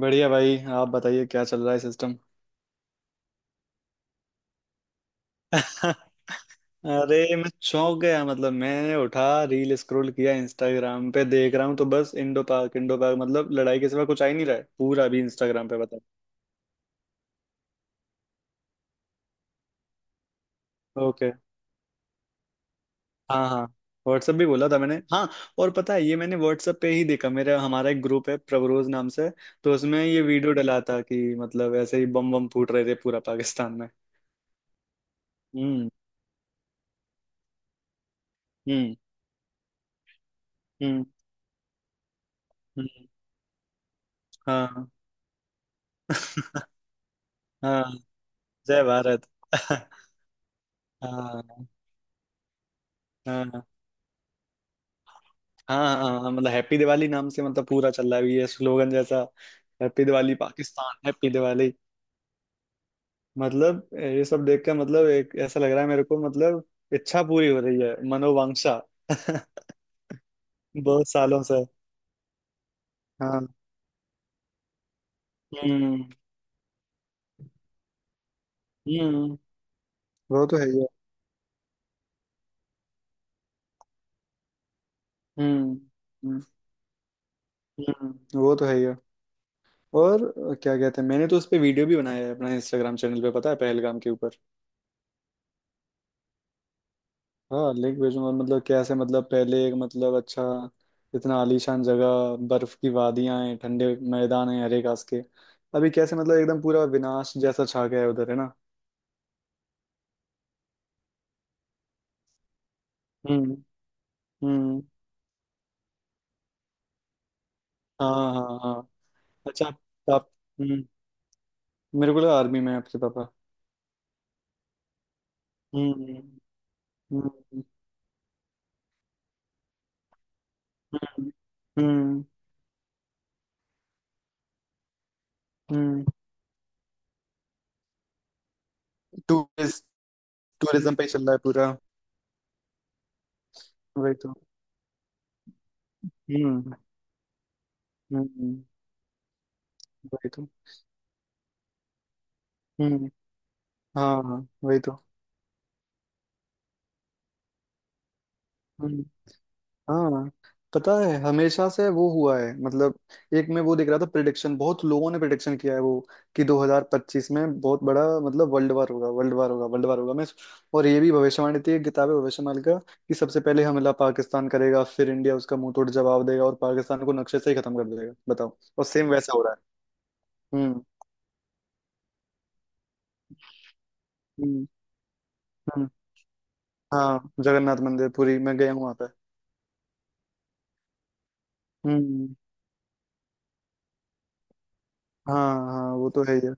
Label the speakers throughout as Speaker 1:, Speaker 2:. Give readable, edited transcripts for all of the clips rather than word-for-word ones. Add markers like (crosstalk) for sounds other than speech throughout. Speaker 1: बढ़िया भाई, आप बताइए क्या चल रहा है सिस्टम। (laughs) अरे मैं चौंक गया, मतलब मैंने उठा, रील स्क्रॉल किया, इंस्टाग्राम पे देख रहा हूँ तो बस इंडो पार्क इंडो पार्क, मतलब लड़ाई के सिवा कुछ आ ही नहीं रहा है पूरा अभी इंस्टाग्राम पे, बताओ। ओके। हाँ हाँ, व्हाट्सएप भी बोला था मैंने, हाँ। और पता है, ये मैंने व्हाट्सएप पे ही देखा। मेरा, हमारा एक ग्रुप है प्रवरोज नाम से, तो उसमें ये वीडियो डला था कि मतलब ऐसे ही बम बम फूट रहे थे पूरा पाकिस्तान में। हम्म हम्म हम्म हम्म, हाँ। (laughs) हाँ, जय भारत। (laughs) हाँ हाँ हाँ हाँ हाँ, मतलब हैप्पी दिवाली नाम से मतलब पूरा चल रहा है ये स्लोगन जैसा। Happy Diwali Pakistan, happy Diwali. मतलब ये सब देख कर मतलब एक ऐसा लग रहा है मेरे को, मतलब इच्छा पूरी हो रही है, मनोवांछा। (laughs) बहुत सालों से, हाँ। हम्म हम्म, वो तो है ही है। हम्म हम्म वो तो है ही है। और क्या कहते हैं, मैंने तो उस पे वीडियो भी बनाया है अपना इंस्टाग्राम चैनल पे, पता है, पहलगाम के ऊपर। हाँ लिंक भेजूंगा। मतलब कैसे मतलब पहले एक मतलब अच्छा इतना आलीशान जगह, बर्फ की वादियां हैं, ठंडे मैदान हैं, हरे घास के। अभी कैसे मतलब एकदम पूरा विनाश जैसा छा गया है उधर, है ना। हम्म हम्म, हाँ हाँ हाँ। अच्छा आप, आप- हम्म, मेरे को लगा आर्मी में है आपके पापा। हम्म हम्म हम्म हम्म हम्म। टूरिस्ट, टूरिज्म पे ही चल रहा है पूरा। वही तो। हम्म हम्म। वही तो। हम्म। हाँ हाँ वही तो। हम्म। हाँ, पता है हमेशा से वो हुआ है, मतलब एक में वो दिख रहा था प्रिडिक्शन, बहुत लोगों ने प्रिडिक्शन किया है वो, कि 2025 में बहुत बड़ा मतलब वर्ल्ड वार होगा, वर्ल्ड वार होगा, वर्ल्ड वार होगा। मैं, और ये भी भविष्यवाणी थी, एक किताब है भविष्यवाणी का, कि सबसे पहले हमला पाकिस्तान करेगा, फिर इंडिया उसका मुंह तोड़ जवाब देगा और पाकिस्तान को नक्शे से ही खत्म कर देगा, बताओ, और सेम वैसा हो रहा है। हम्म हम्म। हाँ, जगन्नाथ मंदिर पुरी, मैं गया हूँ वहाँ पे। हम्म। हाँ हाँ, वो तो है ही है।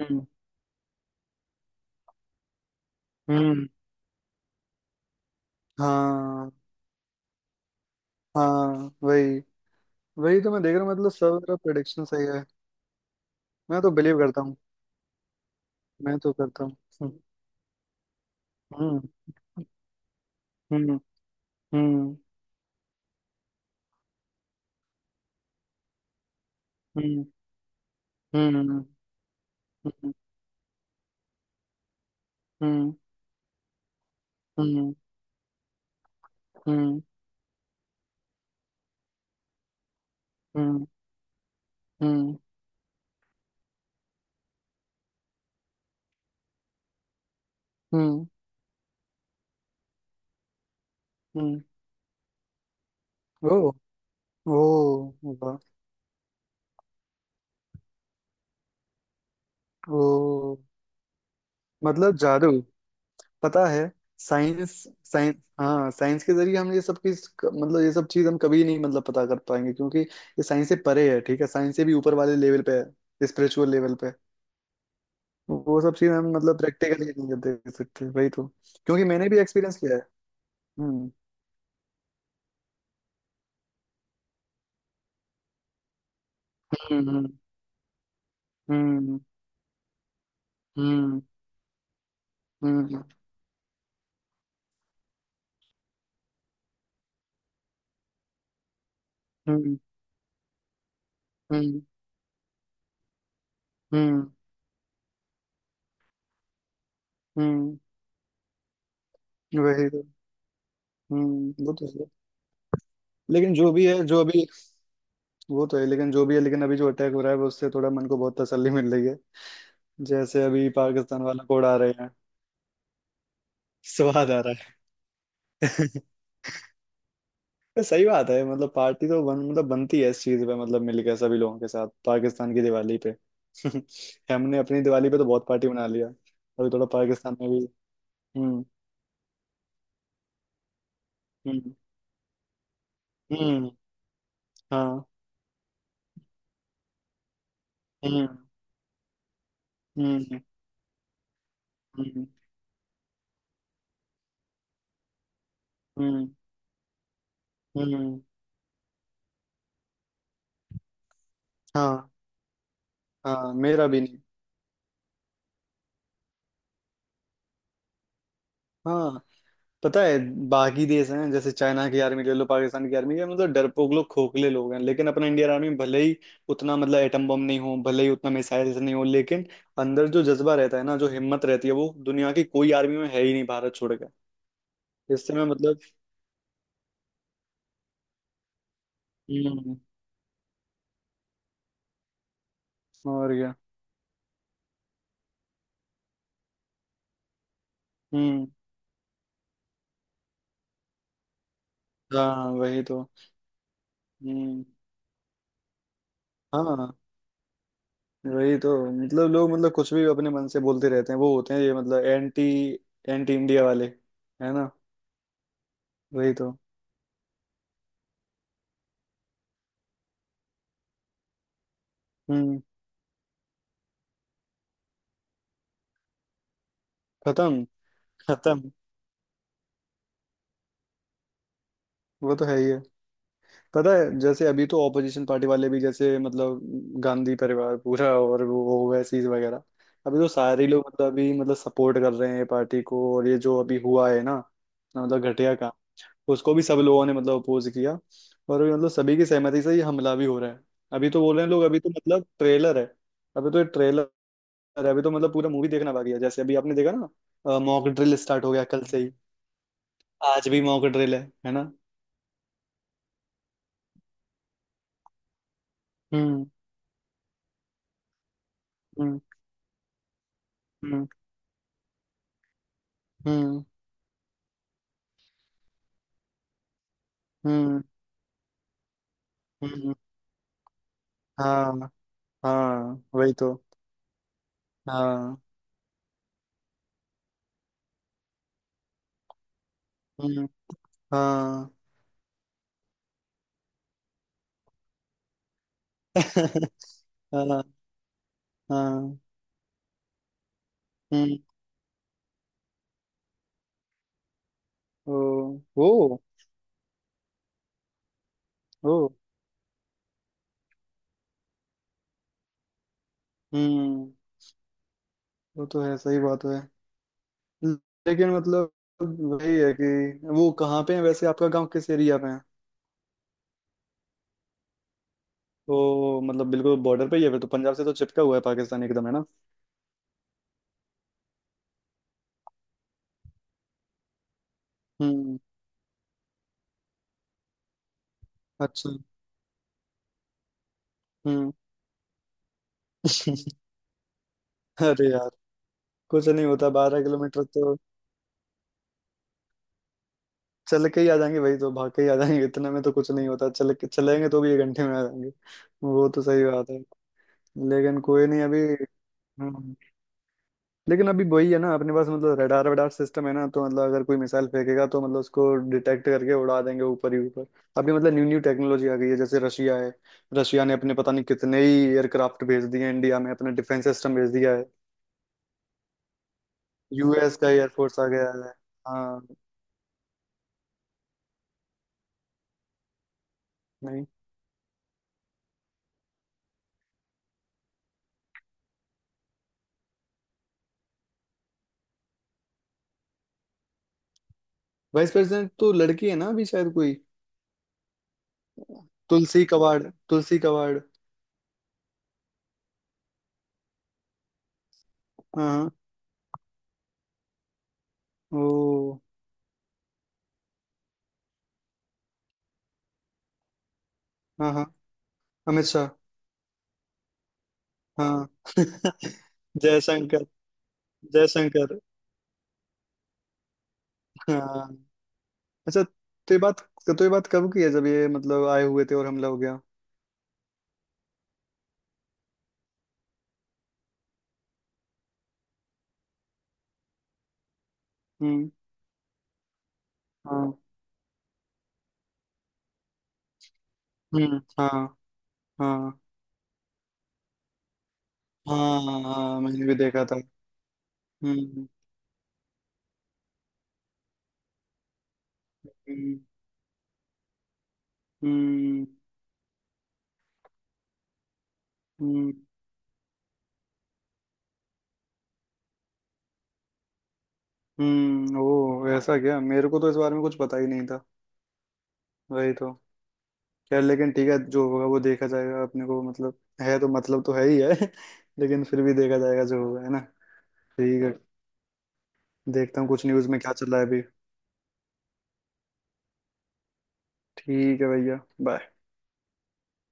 Speaker 1: हम्म हम्म। हाँ हाँ वही, वही तो मैं देख रहा हूँ, मतलब सब मेरा प्रेडिक्शन सही है। मैं तो बिलीव करता हूँ। मैं तो करता हूँ। हम्म हम्म हम्म हम्म हम्म हम्म हम्म हम्म हम्म हम्म हम्म हम्म हम्म। हम्म। ओ। ओ। वाह। ओ। मतलब जादू, पता है। साइंस साइंस, हाँ, साइंस के जरिए हम ये सब की मतलब ये सब चीज हम कभी नहीं मतलब पता कर पाएंगे, क्योंकि ये साइंस से परे है। ठीक है, साइंस से भी ऊपर वाले लेवल पे है, स्पिरिचुअल लेवल पे। वो सब चीज हम मतलब प्रैक्टिकली नहीं देख सकते, वही तो। क्योंकि मैंने भी एक्सपीरियंस किया है। हम्म हम्म हम्म हम्म हम्म हम्म हम्म हम्म हम्म, वही तो। हम्म। वो तो है, लेकिन जो भी है जो अभी, वो तो है, लेकिन जो भी है, लेकिन अभी जो अटैक हो रहा है वो, उससे थोड़ा मन को बहुत तसल्ली मिल रही है। जैसे अभी पाकिस्तान वाला कोड आ रहे हैं। (laughs) स्वाद आ रहा है। ये सही बात है, मतलब पार्टी तो बन, मतलब बनती है इस चीज पे, मतलब मिलकर सभी लोगों के साथ, पाकिस्तान की दिवाली पे। (laughs) हमने अपनी दिवाली पे तो बहुत पार्टी बना लिया, अभी थोड़ा पाकिस्तान में भी। हम्म हम्म हम्म, हाँ। हम्म हम्म हम्म हम्म हम्म, हाँ हाँ, मेरा भी नहीं। हाँ, पता है, बाकी देश हैं जैसे चाइना की आर्मी ले लो, पाकिस्तान की आर्मी, ये मतलब डरपोक लोग, खोखले लोग हैं, लेकिन अपना इंडियन आर्मी, भले ही उतना मतलब एटम बम नहीं हो, भले ही उतना मिसाइल्स नहीं हो, लेकिन अंदर जो जज्बा रहता है ना, जो हिम्मत रहती है, वो दुनिया की कोई आर्मी में है ही नहीं, भारत छोड़ के। इससे मैं मतलब, हम्म, और क्या। हम्म, हाँ वही तो। हम्म। हाँ वही तो, मतलब लोग मतलब कुछ भी अपने मन से बोलते रहते हैं। वो होते हैं ये मतलब एंटी, एंटी इंडिया वाले, है ना। वही तो। हम्म। खत्म। खत्म। वो तो है ही है। पता है, जैसे अभी तो ऑपोजिशन पार्टी वाले भी जैसे मतलब गांधी परिवार पूरा और वो ओवैसीज वगैरह, अभी तो सारे लोग मतलब अभी मतलब सपोर्ट कर रहे हैं पार्टी को। और ये जो अभी हुआ है ना, मतलब घटिया काम, उसको भी सब लोगों ने मतलब अपोज किया। और अभी मतलब सभी की सहमति से ये हमला भी हो रहा है। अभी तो बोल रहे हैं लोग, अभी तो मतलब ट्रेलर है। अभी तो ये ट्रेलर है, अभी तो मतलब पूरा मूवी देखना बाकी है। जैसे अभी आपने देखा ना, मॉक ड्रिल स्टार्ट हो गया कल से ही। आज भी मॉक ड्रिल है ना। हम्म हम्म हम्म हम्म हम्म हम्म, हाँ हाँ वही तो। हाँ। हम्म। हाँ। (laughs) हाँ। हाँ। हम्म। ओ। ओ। ओ। हम्म। वो तो है, सही बात है, लेकिन मतलब वही है कि, वो कहाँ पे है वैसे, आपका गांव किस एरिया में है। तो मतलब बिल्कुल बॉर्डर पे ही है फिर तो, पंजाब से तो चिपका हुआ है पाकिस्तान एकदम, है ना। हम्म। अच्छा। हम्म। (laughs) अरे यार, कुछ नहीं होता 12 किलोमीटर तो। चल के ही आ जाएंगे भाई, तो भाग के ही आ जाएंगे, इतने में तो कुछ नहीं होता, चल के चलेंगे तो भी 1 घंटे में आ जाएंगे। वो तो सही बात है, लेकिन कोई नहीं अभी। हम्म, लेकिन अभी वही है ना, अपने पास मतलब रडार वडार सिस्टम है ना, तो मतलब अगर कोई मिसाइल फेंकेगा तो मतलब उसको डिटेक्ट करके उड़ा देंगे ऊपर ही ऊपर। अभी मतलब न्यू न्यू टेक्नोलॉजी आ गई है। जैसे रशिया है, रशिया ने अपने पता नहीं कितने ही एयरक्राफ्ट भेज दिए हैं इंडिया में, अपने डिफेंस सिस्टम भेज दिया है। यूएस का एयरफोर्स आ गया है। हाँ। नहीं, वाइस प्रेसिडेंट तो लड़की है ना अभी शायद कोई, तुलसी कवाड़, तुलसी कवाड़। हाँ हाँ। ओ। हाँ हाँ, अमित शाह। हाँ। (laughs) जयशंकर, जयशंकर। हाँ, अच्छा तो ये बात, तो ये बात कब की है, जब ये मतलब आए हुए थे और हमला हो गया। हम्म, हाँ। हम्म, हाँ। हाँ हाँ हाँ हाँ, मैंने भी देखा था। हम्म हम्म हम्म हम्म ओ ऐसा क्या, मेरे को तो इस बारे में कुछ पता ही नहीं था। वही तो। यार लेकिन ठीक है, जो होगा वो देखा जाएगा अपने को, मतलब है तो मतलब तो है ही है। (laughs) लेकिन फिर भी देखा जाएगा जो होगा, है ना, ठीक है। देखता हूँ कुछ न्यूज़ में क्या चल रहा है अभी। ठीक है भैया, बाय।